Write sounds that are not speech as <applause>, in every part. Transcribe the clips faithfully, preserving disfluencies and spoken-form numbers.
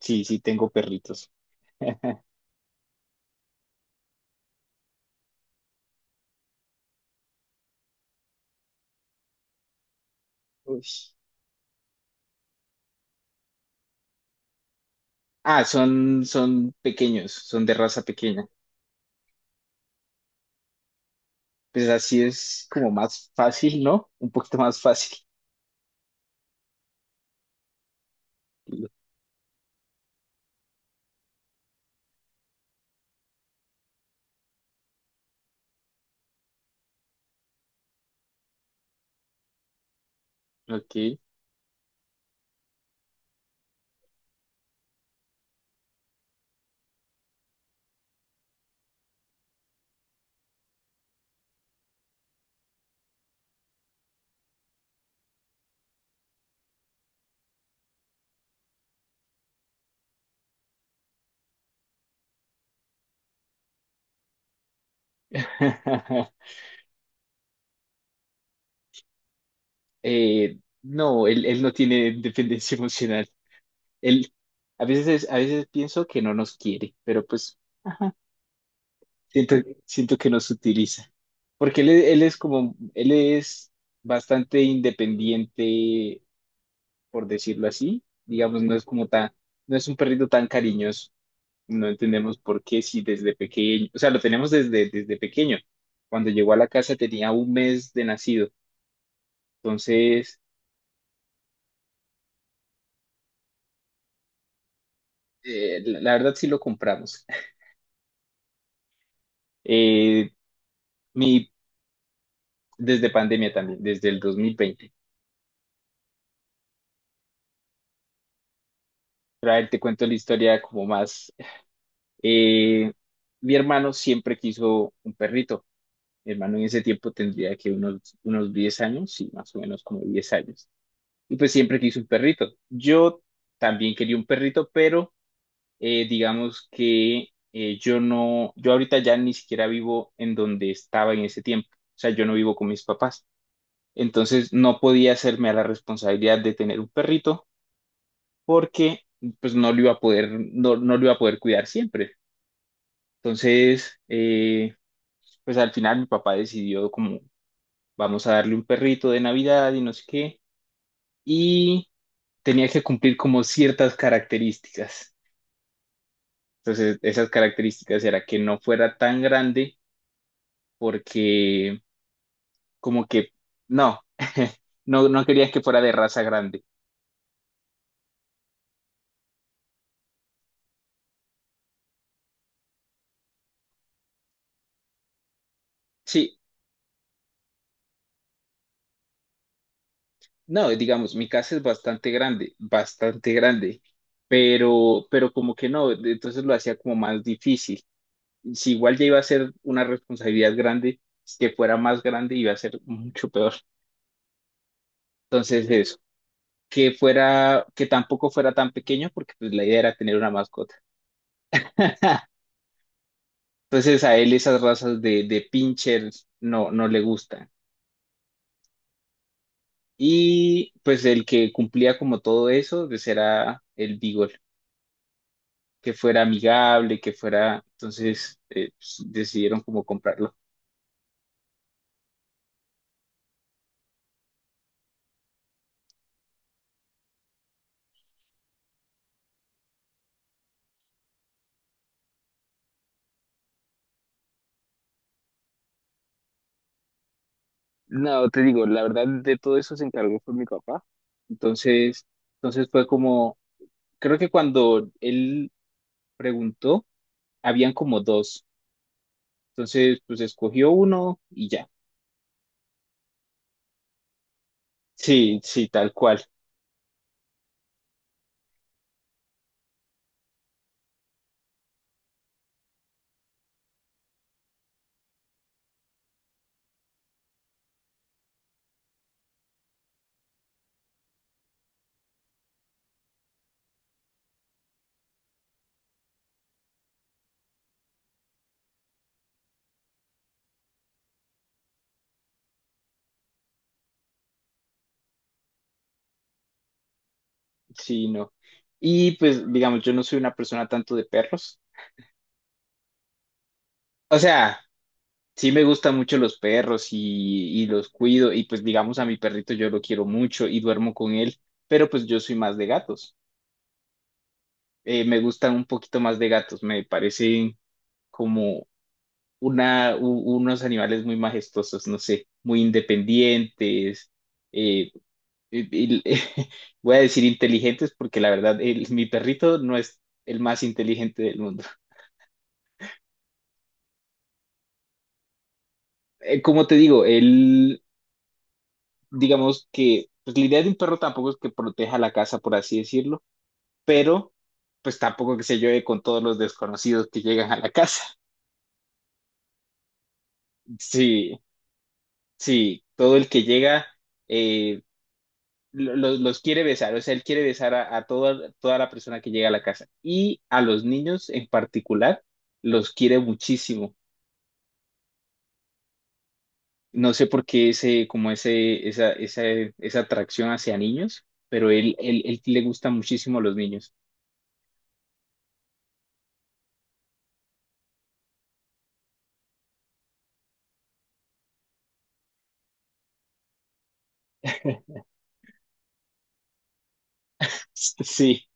Sí, sí, tengo perritos. <laughs> Uy. Ah, son, son pequeños, son de raza pequeña. Pues así es como más fácil, ¿no? Un poquito más fácil. Ok. <laughs> Eh, no, él, él no tiene dependencia emocional. Él, a veces, es- a veces pienso que no nos quiere, pero pues, ajá, siento, siento que nos utiliza. Porque él, él es como, él es bastante independiente por decirlo así. Digamos, no es como tan, no es un perrito tan cariñoso. No entendemos por qué si desde pequeño, o sea, lo tenemos desde, desde pequeño. Cuando llegó a la casa tenía un mes de nacido. Entonces, eh, la la verdad sí lo compramos. <laughs> Eh, mi, Desde pandemia también, desde el dos mil veinte. Pero a ver, te cuento la historia como más. Eh, Mi hermano siempre quiso un perrito. Mi hermano en ese tiempo tendría que unos, unos diez años, sí, más o menos como diez años. Y pues siempre quise un perrito. Yo también quería un perrito, pero eh, digamos que eh, yo no, yo ahorita ya ni siquiera vivo en donde estaba en ese tiempo. O sea, yo no vivo con mis papás. Entonces no podía hacerme a la responsabilidad de tener un perrito porque pues no lo iba a poder, no, no lo iba a poder cuidar siempre. Entonces, eh, pues al final mi papá decidió como vamos a darle un perrito de Navidad y no sé qué. Y tenía que cumplir como ciertas características. Entonces, esas características era que no fuera tan grande porque como que no, <laughs> no, no quería que fuera de raza grande. Sí, no, digamos, mi casa es bastante grande, bastante grande, pero, pero como que no, entonces lo hacía como más difícil. Si igual ya iba a ser una responsabilidad grande, que fuera más grande iba a ser mucho peor. Entonces, eso, que fuera, que tampoco fuera tan pequeño porque pues la idea era tener una mascota. <laughs> Entonces a él esas razas de, de pinchers no, no le gustan. Y pues el que cumplía como todo eso, pues era el Beagle, que fuera amigable, que fuera... Entonces eh, pues, decidieron como comprarlo. No, te digo, la verdad de todo eso se encargó fue mi papá. Entonces, entonces fue como, creo que cuando él preguntó, habían como dos. Entonces, pues escogió uno y ya. Sí, sí, tal cual. Sí, no. Y pues, digamos, yo no soy una persona tanto de perros. O sea, sí me gustan mucho los perros y, y los cuido. Y pues, digamos, a mi perrito yo lo quiero mucho y duermo con él. Pero pues yo soy más de gatos. Eh, me gustan un poquito más de gatos. Me parecen como una, u- unos animales muy majestuosos, no sé, muy independientes. eh, y- y- <laughs> Voy a decir inteligentes porque la verdad, el- mi perrito no es el más inteligente del mundo. Eh, como te digo, él, digamos que, pues la idea de un perro tampoco es que proteja la casa, por así decirlo, pero pues tampoco que se lleve con todos los desconocidos que llegan a la casa. <laughs> Sí, sí, todo el que llega eh, lo- lo- los quiere besar, o sea, él quiere besar a, a toda, toda la persona que llega a la casa y a los niños en particular los quiere muchísimo. No sé por qué ese, como ese, esa, esa, esa atracción hacia niños, pero él, él, él le gusta muchísimo a los niños. <laughs> Sí,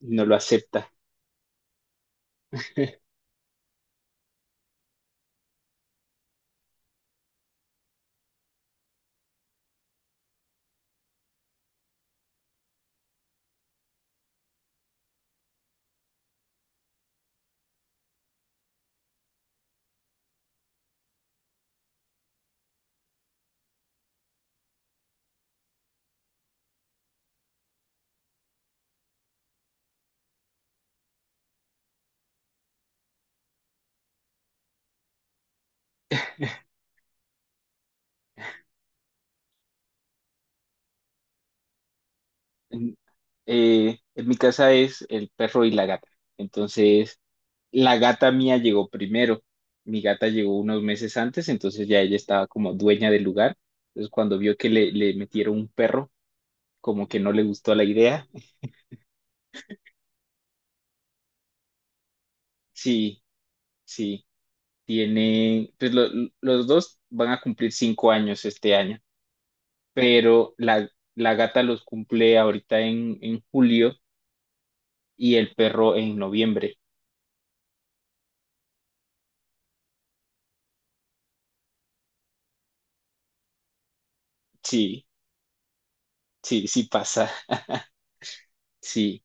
no lo acepta. <laughs> En, eh, en mi casa es el perro y la gata. Entonces, la gata mía llegó primero. Mi gata llegó unos meses antes, entonces ya ella estaba como dueña del lugar. Entonces, cuando vio que le, le metieron un perro, como que no le gustó la idea. <laughs> Sí, sí, tiene, pues lo- los dos van a cumplir cinco años este año, pero la, la gata los cumple ahorita en, en julio y el perro en noviembre. Sí, sí, sí pasa, sí.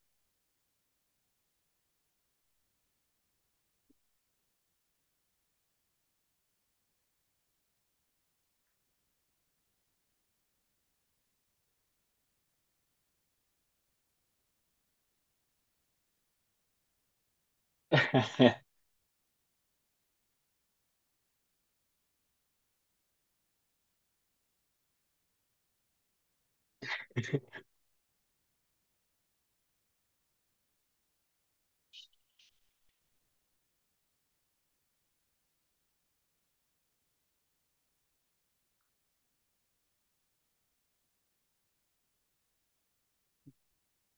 <laughs>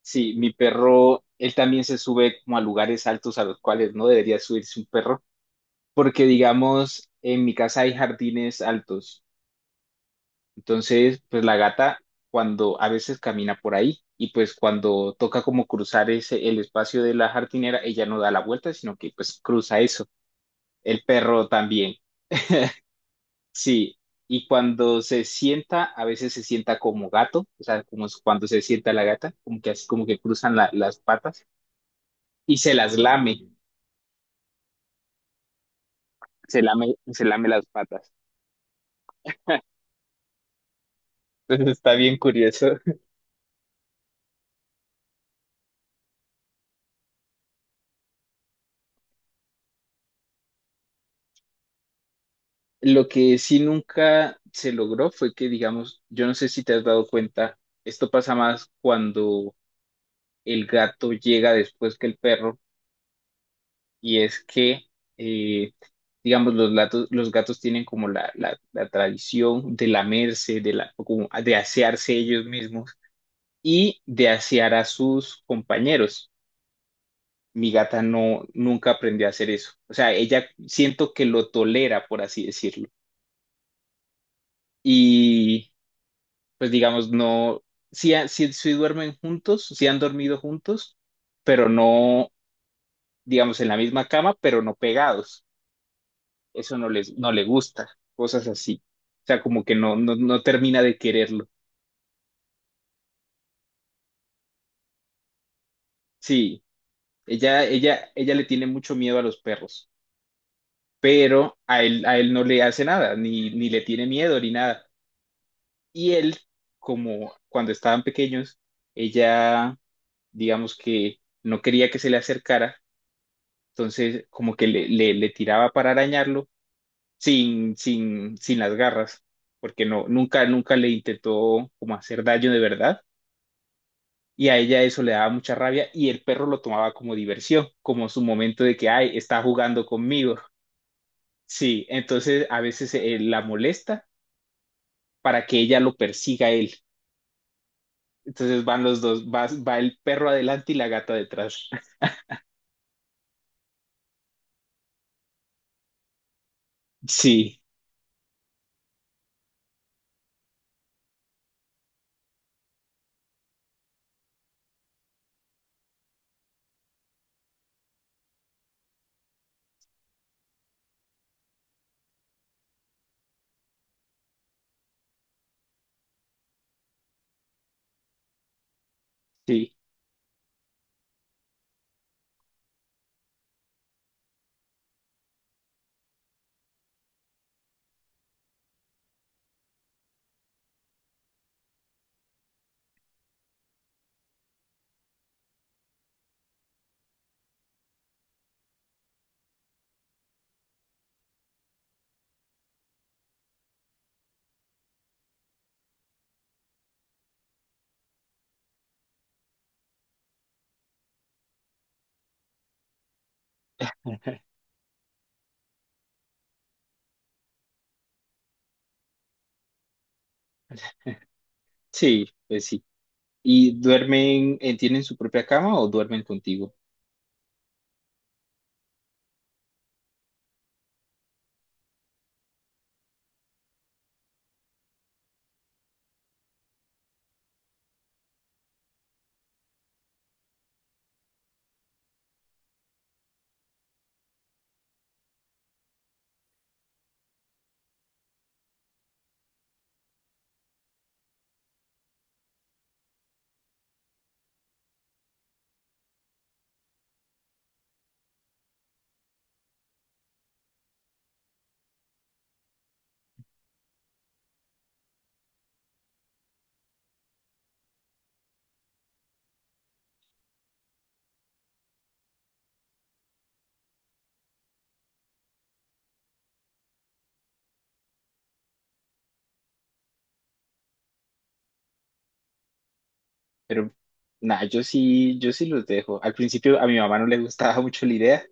Sí, mi perro, él también se sube como a lugares altos a los cuales no debería subirse un perro, porque digamos, en mi casa hay jardines altos, entonces, pues la gata cuando a veces camina por ahí y pues cuando toca como cruzar ese, el espacio de la jardinera, ella no da la vuelta, sino que pues cruza eso. El perro también. Sí, y cuando se sienta, a veces se sienta como gato, o sea, como es cuando se sienta la gata, como que así como que cruzan la- las patas y se las lame, se lame, se lame las patas. <laughs> Entonces está bien curioso. <laughs> Lo que sí nunca se logró fue que, digamos, yo no sé si te has dado cuenta, esto pasa más cuando el gato llega después que el perro y es que, eh, digamos, los, latos- los gatos tienen como la, la, la tradición de lamerse, de, la, como de asearse ellos mismos y de asear a sus compañeros. Mi gata no, nunca aprendió a hacer eso. O sea, ella siento que lo tolera, por así decirlo. Y pues digamos, no, sí, ha- sí, sí duermen juntos, sí han dormido juntos, pero no, digamos, en la misma cama, pero no pegados. Eso no les, no le gusta, cosas así. O sea, como que no, no, no termina de quererlo. Sí, ella, ella, ella le tiene mucho miedo a los perros, pero a él, a él no le hace nada, ni, ni le tiene miedo, ni nada. Y él, como cuando estaban pequeños, ella, digamos que no quería que se le acercara, entonces como que le, le, le tiraba para arañarlo sin, sin, sin las garras, porque no, nunca, nunca le intentó como hacer daño de verdad y a ella eso le daba mucha rabia y el perro lo tomaba como diversión, como su momento de que, ay, está jugando conmigo. Sí, entonces a veces eh, la molesta para que ella lo persiga a él. Entonces van los dos, va, va el perro adelante y la gata detrás. <laughs> Sí, sí, sí, pues sí. ¿Y duermen, eh, tienen su propia cama o duermen contigo? Pero nada, yo sí, yo sí los dejo. Al principio a mi mamá no le gustaba <laughs> mucho la idea,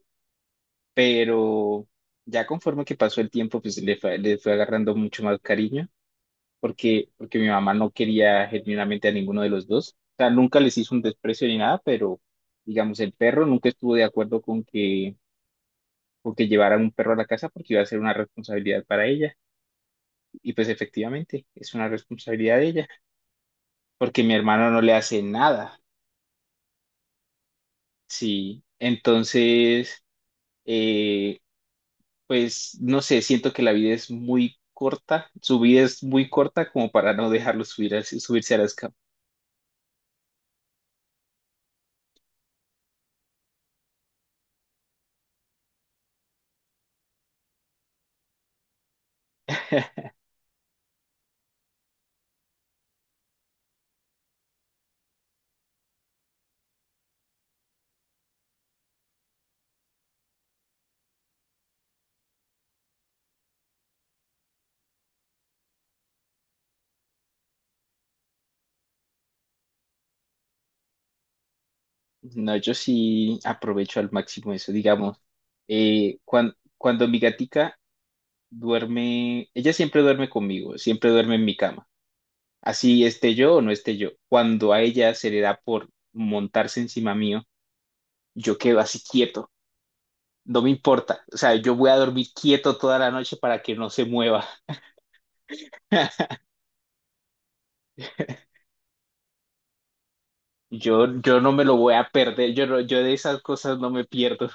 pero ya conforme que pasó el tiempo, pues le fue, le fue agarrando mucho más cariño, porque, porque mi mamá no quería genuinamente a ninguno de los dos. O sea, nunca les hizo un desprecio ni nada, pero digamos, el perro nunca estuvo de acuerdo con que, con que llevaran un perro a la casa porque iba a ser una responsabilidad para ella. Y pues efectivamente, es una responsabilidad de ella, porque mi hermano no le hace nada. Sí, entonces... eh, pues no sé, siento que la vida es muy corta, su vida es muy corta como para no dejarlo subir al- subirse a las camas. No, yo sí aprovecho al máximo eso, digamos. Eh, cuan- cuando mi gatica duerme, ella siempre duerme conmigo, siempre duerme en mi cama, así esté yo o no esté yo. Cuando a ella se le da por montarse encima mío, yo quedo así quieto, no me importa, o sea, yo voy a dormir quieto toda la noche para que no se mueva. Yo, yo no me lo voy a perder, yo, no- yo de esas cosas no me pierdo.